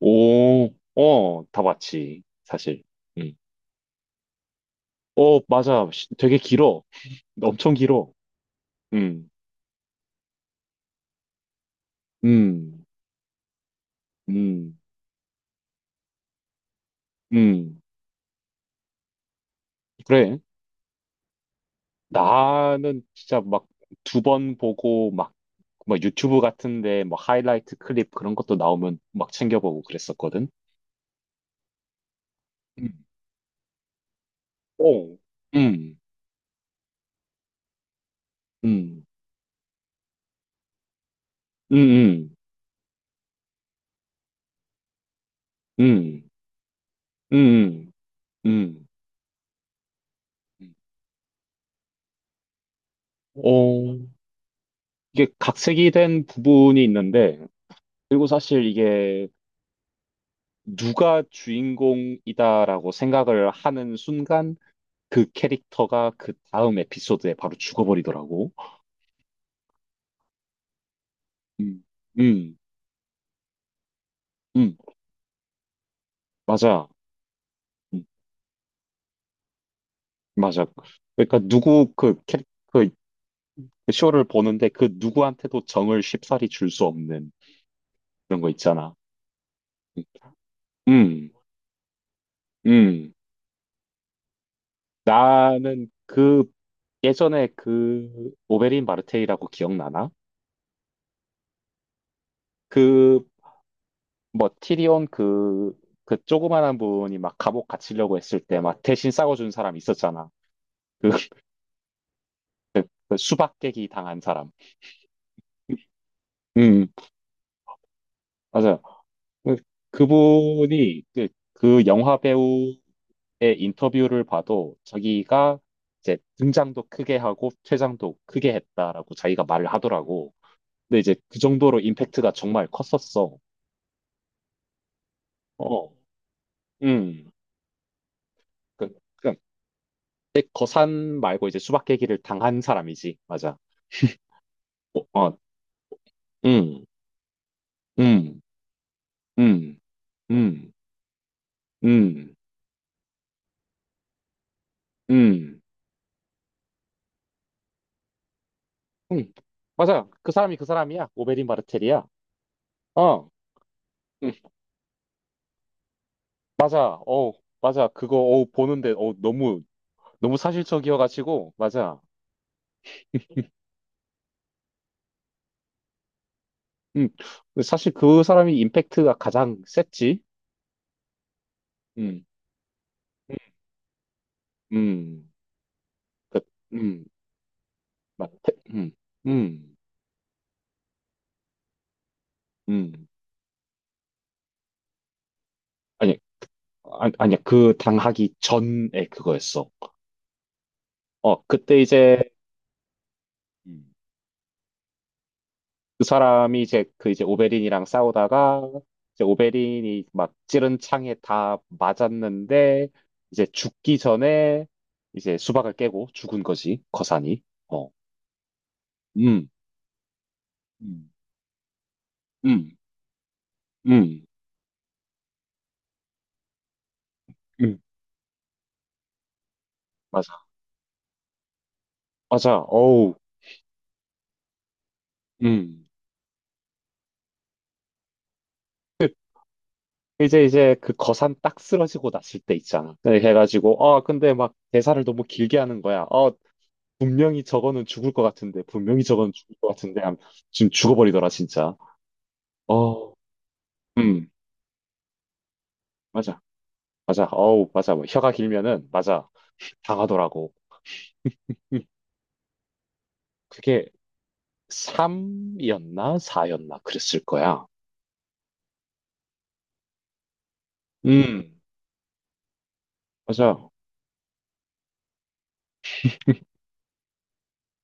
오, 어, 다 봤지, 사실. 음. 어, 맞아. 되게 길어. 엄청 길어. 음, 음, 음, 음. 그래. 나는 진짜 막 두 번 보고 막, 막 유튜브 같은데 뭐 하이라이트 클립 그런 것도 나오면 막 챙겨보고 그랬었거든. 음. 오, 음, 음, 음, 음, 음, 음, 음. 음. 어, 이게 각색이 된 부분이 있는데, 그리고 사실 이게 누가 주인공이다라고 생각을 하는 순간 그 캐릭터가 그 다음 에피소드에 바로 죽어버리더라고. 음, 음, 음, 맞아. 음, 맞아. 그러니까 누구 그 쇼를 보는데 그 누구한테도 정을 쉽사리 줄 수 없는 그런 거 있잖아. 음, 음. 음. 나는 그 예전에 그 오베린 마르테이라고 기억나나? 그 뭐 그 조그만한 분이 막 감옥 갇히려고 했을 때 막 대신 싸워준 사람 있었잖아. 그, 그 수박 깨기 당한 사람. 음, 맞아요. 그, 그분이 그, 그 영화 배우의 인터뷰를 봐도 자기가 이제 등장도 크게 하고 퇴장도 크게 했다라고 자기가 말을 하더라고. 근데 이제 그 정도로 임팩트가 정말 컸었어. 어, 음. 그, 그, 거산 말고 이제 수박 깨기를 당한 사람이지. 맞아. 어, 어, 음. 음, 음, 음, 음, 음, 음. 맞아. 그 사람이 그 사람이야. 오베린 바르텔이야. 어, 음, 맞아. 어, 맞아. 그거 어 보는데 어 너무 너무 사실적이어가지고 맞아. 음, 사실 그 사람이 임팩트가 가장 셌지. 음, 음, 그, 음, 맞, 태- 음, 음, 음. 아니, 아니, 아니야. 그 당하기 전에 그거였어. 어, 그때 이제. 음. 그 사람이 이제 오베린이랑 싸우다가 이제 오베린이 막 찌른 창에 다 맞았는데 이제 죽기 전에 이제 수박을 깨고 죽은 거지 거산이. 어. 음. 음. 음. 음. 음. 맞아. 맞아. 어우. 음. 이제 그 거산 딱 쓰러지고 났을 때 있잖아. 그래 해가지고 아 근데 막 대사를 너무 길게 하는 거야. 어 분명히 저거는 죽을 것 같은데 분명히 저거는 죽을 것 같은데 하면 지금 죽어버리더라 진짜. 어. 음. 맞아. 맞아. 어우, 맞아. 뭐 혀가 길면은, 맞아. 당하더라고. 음, 그게 3이었나? 4였나? 그랬을 거야. 음, 맞아.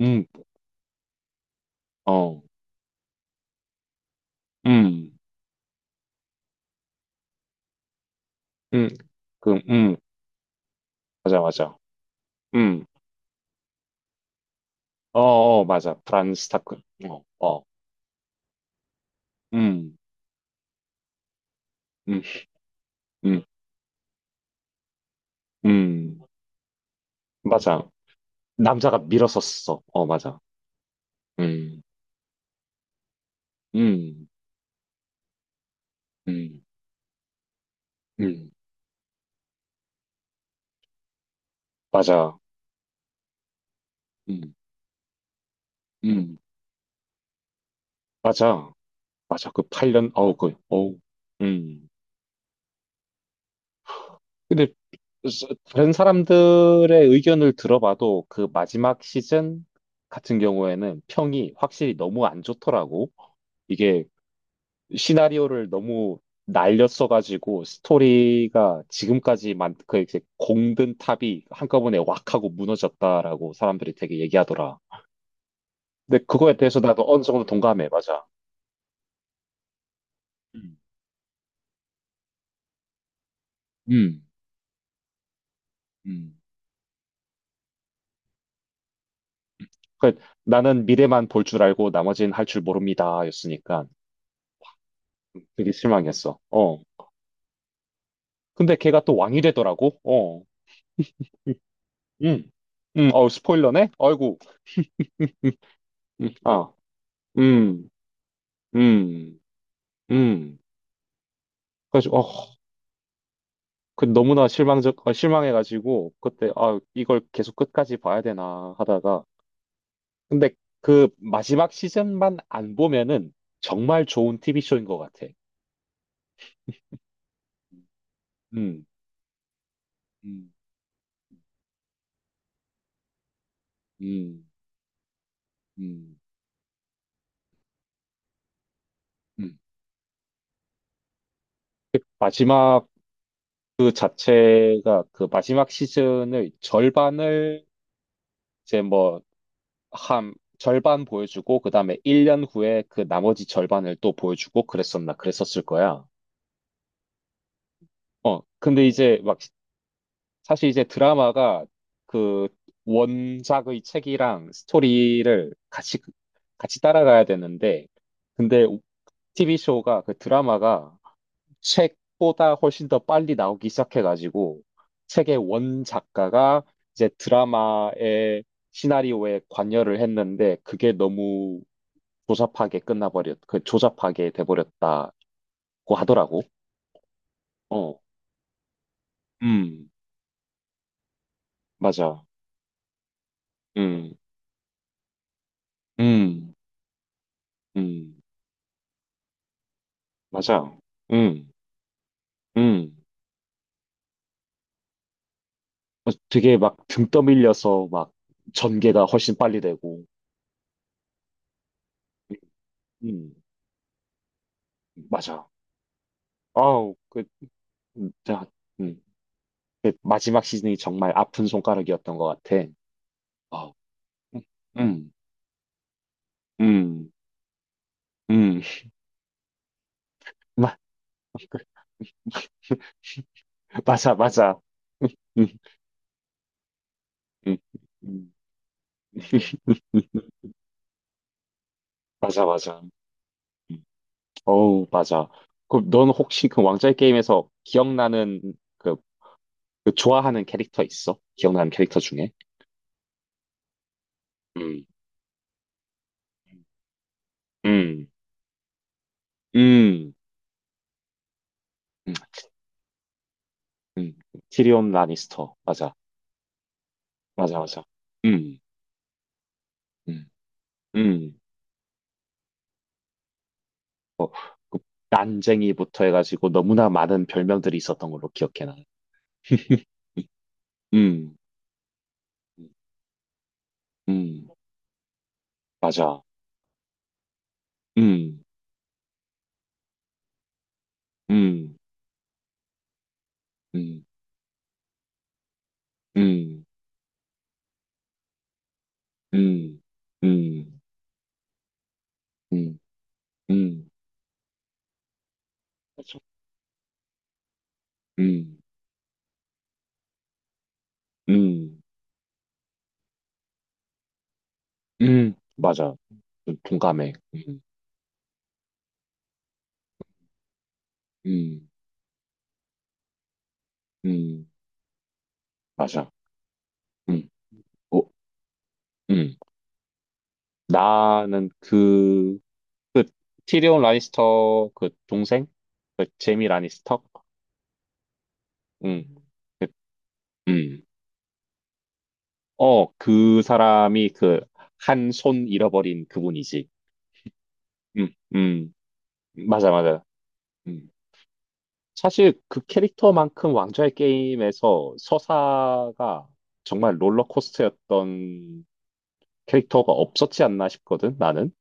음, 어, 음, 음, 그, 맞아, 맞아. 음, 어, 어, 맞아. 프란스 타크. 어, 어, 음, 음, 음, 음, 맞아. 남자가 밀어섰어. 어, 맞아. 음, 음, 음, 음, 맞아. 음, 음, 맞아. 맞아. 그 8년, 어우, 그, 어우, 음. 근데 스- 다른 사람들의 의견을 들어봐도 그 마지막 시즌 같은 경우에는 평이 확실히 너무 안 좋더라고. 이게 시나리오를 너무 날렸어가지고 스토리가 지금까지만 그 이제 공든 탑이 한꺼번에 왁 하고 무너졌다라고 사람들이 되게 얘기하더라. 근데 그거에 대해서 나도 어느 정도 동감해. 맞아. 음. 음. 음. 그 나는 미래만 볼 줄 알고 나머지는 할 줄 모릅니다. 였으니까 되게 실망했어. 어. 근데 걔가 또 왕이 되더라고. 어. 음. 음. 어, 스포일러네? 아이고. 음. 음. 아. 음. 음. 음. 그래서 어, 그 너무나 실망적 어, 실망해가지고 그때 아, 이걸 계속 끝까지 봐야 되나 하다가 근데 그 마지막 시즌만 안 보면은 정말 좋은 TV쇼인 것 같아. 음. 음. 음. 음. 음. 마지막 그 자체가 그 마지막 시즌의 절반을 이제 뭐 한 절반 보여주고 그다음에 1년 후에 그 나머지 절반을 또 보여주고 그랬었나 그랬었을 거야. 어, 근데 이제 막 사실 이제 드라마가 그 원작의 책이랑 스토리를 같이 따라가야 되는데 근데 TV 쇼가 그 드라마가 책보다 훨씬 더 빨리 나오기 시작해가지고 책의 원 작가가 이제 드라마의 시나리오에 관여를 했는데 그게 너무 조잡하게 끝나버렸, 그 조잡하게 돼버렸다고 하더라고. 어, 음, 맞아. 음, 음, 음, 맞아. 음, 음. 어, 되게 막 등 떠밀려서 막 전개가 훨씬 빨리 되고. 음, 음. 맞아. 아우, 그, 자, 음. 그 마지막 시즌이 정말 아픈 손가락이었던 것 같아. 어. 음, 음, 음. 마, 맞아, 맞아. 음, 음, 음. 음. 맞아, 맞아. 음. 어우, 맞아. 그럼 넌 혹시 그 왕좌의 게임에서 기억나는 그, 그 좋아하는 캐릭터 있어? 기억나는 캐릭터 중에? 음, 음, 음, 음, 음. 음. 티리온 라니스터. 맞아, 맞아, 맞아. 음, 음, 음. 어, 그 난쟁이부터 해가지고 너무나 많은 별명들이 있었던 걸로 기억해 나는. 음, 음, 맞아. 음, 음, 음, 음, 음, 음, 음, 음, 맞아. 음, 음, 맞아. 좀 동감해. 음, 음, 맞아. 음, 오, 음. 나는 그, 그, 티리온 라니스터 그 동생? 그 제미 라니스터? 음, 그, 음. 어, 그 사람이 그 한 손 잃어버린 그분이지. 음, 음, 맞아, 맞아. 음. 사실 그 캐릭터만큼 왕좌의 게임에서 서사가 정말 롤러코스터였던 캐릭터가 없었지 않나 싶거든, 나는.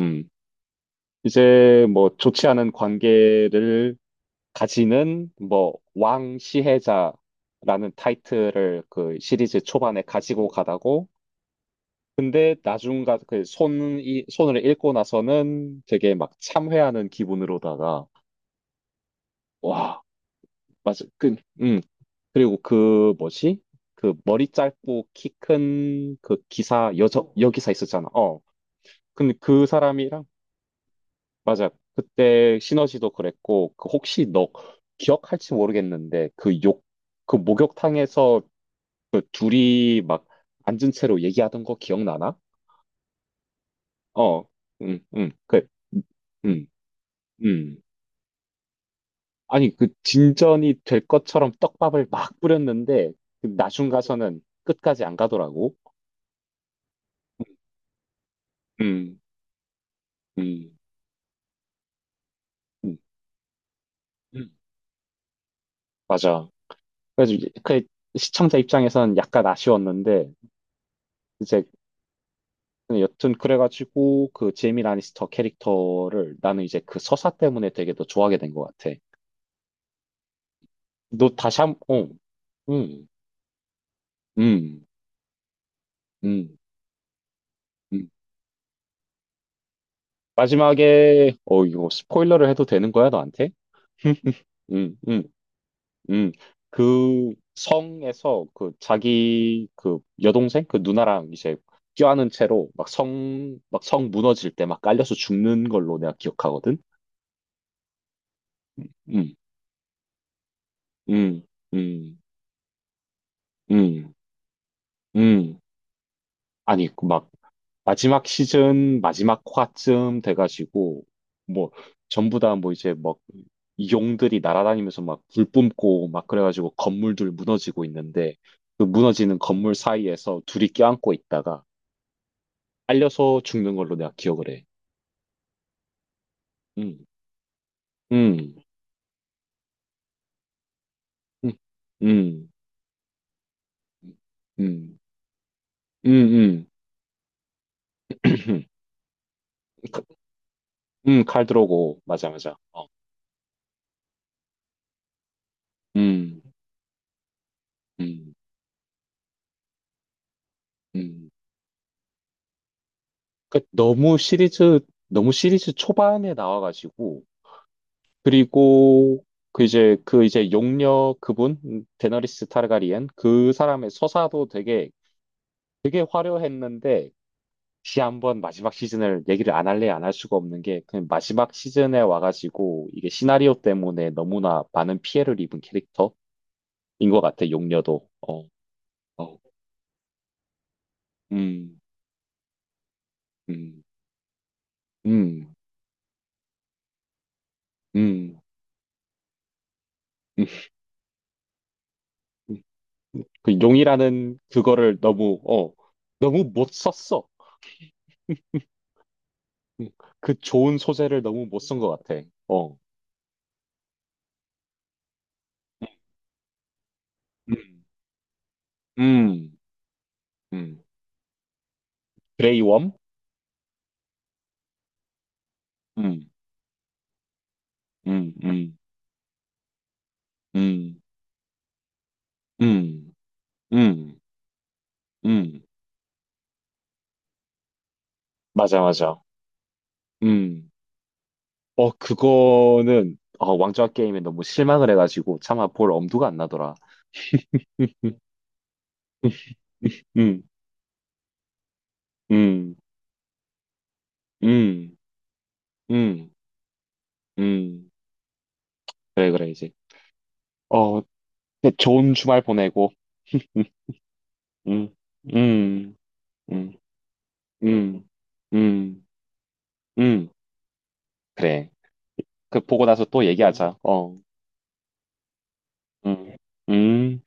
음. 이제 뭐 좋지 않은 관계를 가지는 뭐 왕시혜자라는 타이틀을 그 시리즈 초반에 가지고 가다고 근데 나중 가, 그 손이, 손을 읽고 나서는 되게 막 참회하는 기분으로다가, 와, 맞아. 그, 그리고 그 뭐지? 그 머리 짧고 키 큰 그 기사, 여자, 여기사 있었잖아. 어. 근데 그 사람이랑, 맞아. 그때 시너지도 그랬고, 그 혹시 너 기억할지 모르겠는데, 그 목욕탕에서 그 둘이 막 앉은 채로 얘기하던 거 기억나나? 어. 그, 음, 음. 아니, 그 진전이 될 것처럼 떡밥을 막 뿌렸는데, 그 나중 가서는 끝까지 안 가더라고. 음, 음, 음, 음. 맞아. 그래서 이제 그 시청자 입장에선 약간 아쉬웠는데, 이제 여튼 그래가지고 그 제이미 라니스터 캐릭터를 나는 이제 그 서사 때문에 되게 더 좋아하게 된 것 같아. 너 다시 한, 어, 음, 음, 음, 음. 마지막에, 어, 이거 스포일러를 해도 되는 거야, 너한테? 음, 음. 음, 그 성에서 그 자기 그 여동생 그 누나랑 이제 껴안은 채로 막 성, 막 성 무너질 때 막 깔려서 죽는 걸로 내가 기억하거든? 음, 음, 음, 음, 음. 아니, 그막 마지막 시즌 마지막 화쯤 돼가지고 뭐 전부 다 뭐 이제 막 용들이 날아다니면서 막 불 뿜고 막 그래가지고 건물들 무너지고 있는데 그 무너지는 건물 사이에서 둘이 껴안고 있다가 알려서 죽는 걸로 내가 기억을 해. 음, 음, 음, 음, 음, 음, 음. 그- 칼 들어오고, 맞아, 맞아. 어. 음, 음, 음. 그 너무 시리즈, 너무 시리즈 초반에 나와가지고, 그리고 용녀 그분, 데너리스 타르가리엔, 그 사람의 서사도 되게, 되게 화려했는데, 시 한번 마지막 시즌을 얘기를 안 할래 안 할 수가 없는 게 그냥 마지막 시즌에 와가지고 이게 시나리오 때문에 너무나 많은 피해를 입은 캐릭터인 것 같아 용녀도 어, 어, 음, 음, 음, 음, 음. 그 용이라는 그거를 너무 어 너무 못 썼어 음, 그 좋은 소재를 너무 못 쓴 것 같아 어, 음, 음, 음, 그레이 웜, 음, 음, 음, 음, 음, 음, 음, 맞아 맞아 음. 어, 그거는, 어, 왕좌 게임에 너무 실망을 해가지고, 차마 볼 엄두가 안 나더라. 음, 음, 음, 음, 음. 음. 그래, 그래, 이제. 어, 네, 좋은 주말 보내고, 음, 음, 음, 음, 음, 음, 음. 그래. 그, 보고 나서 또 얘기하자. 어, 음, 음.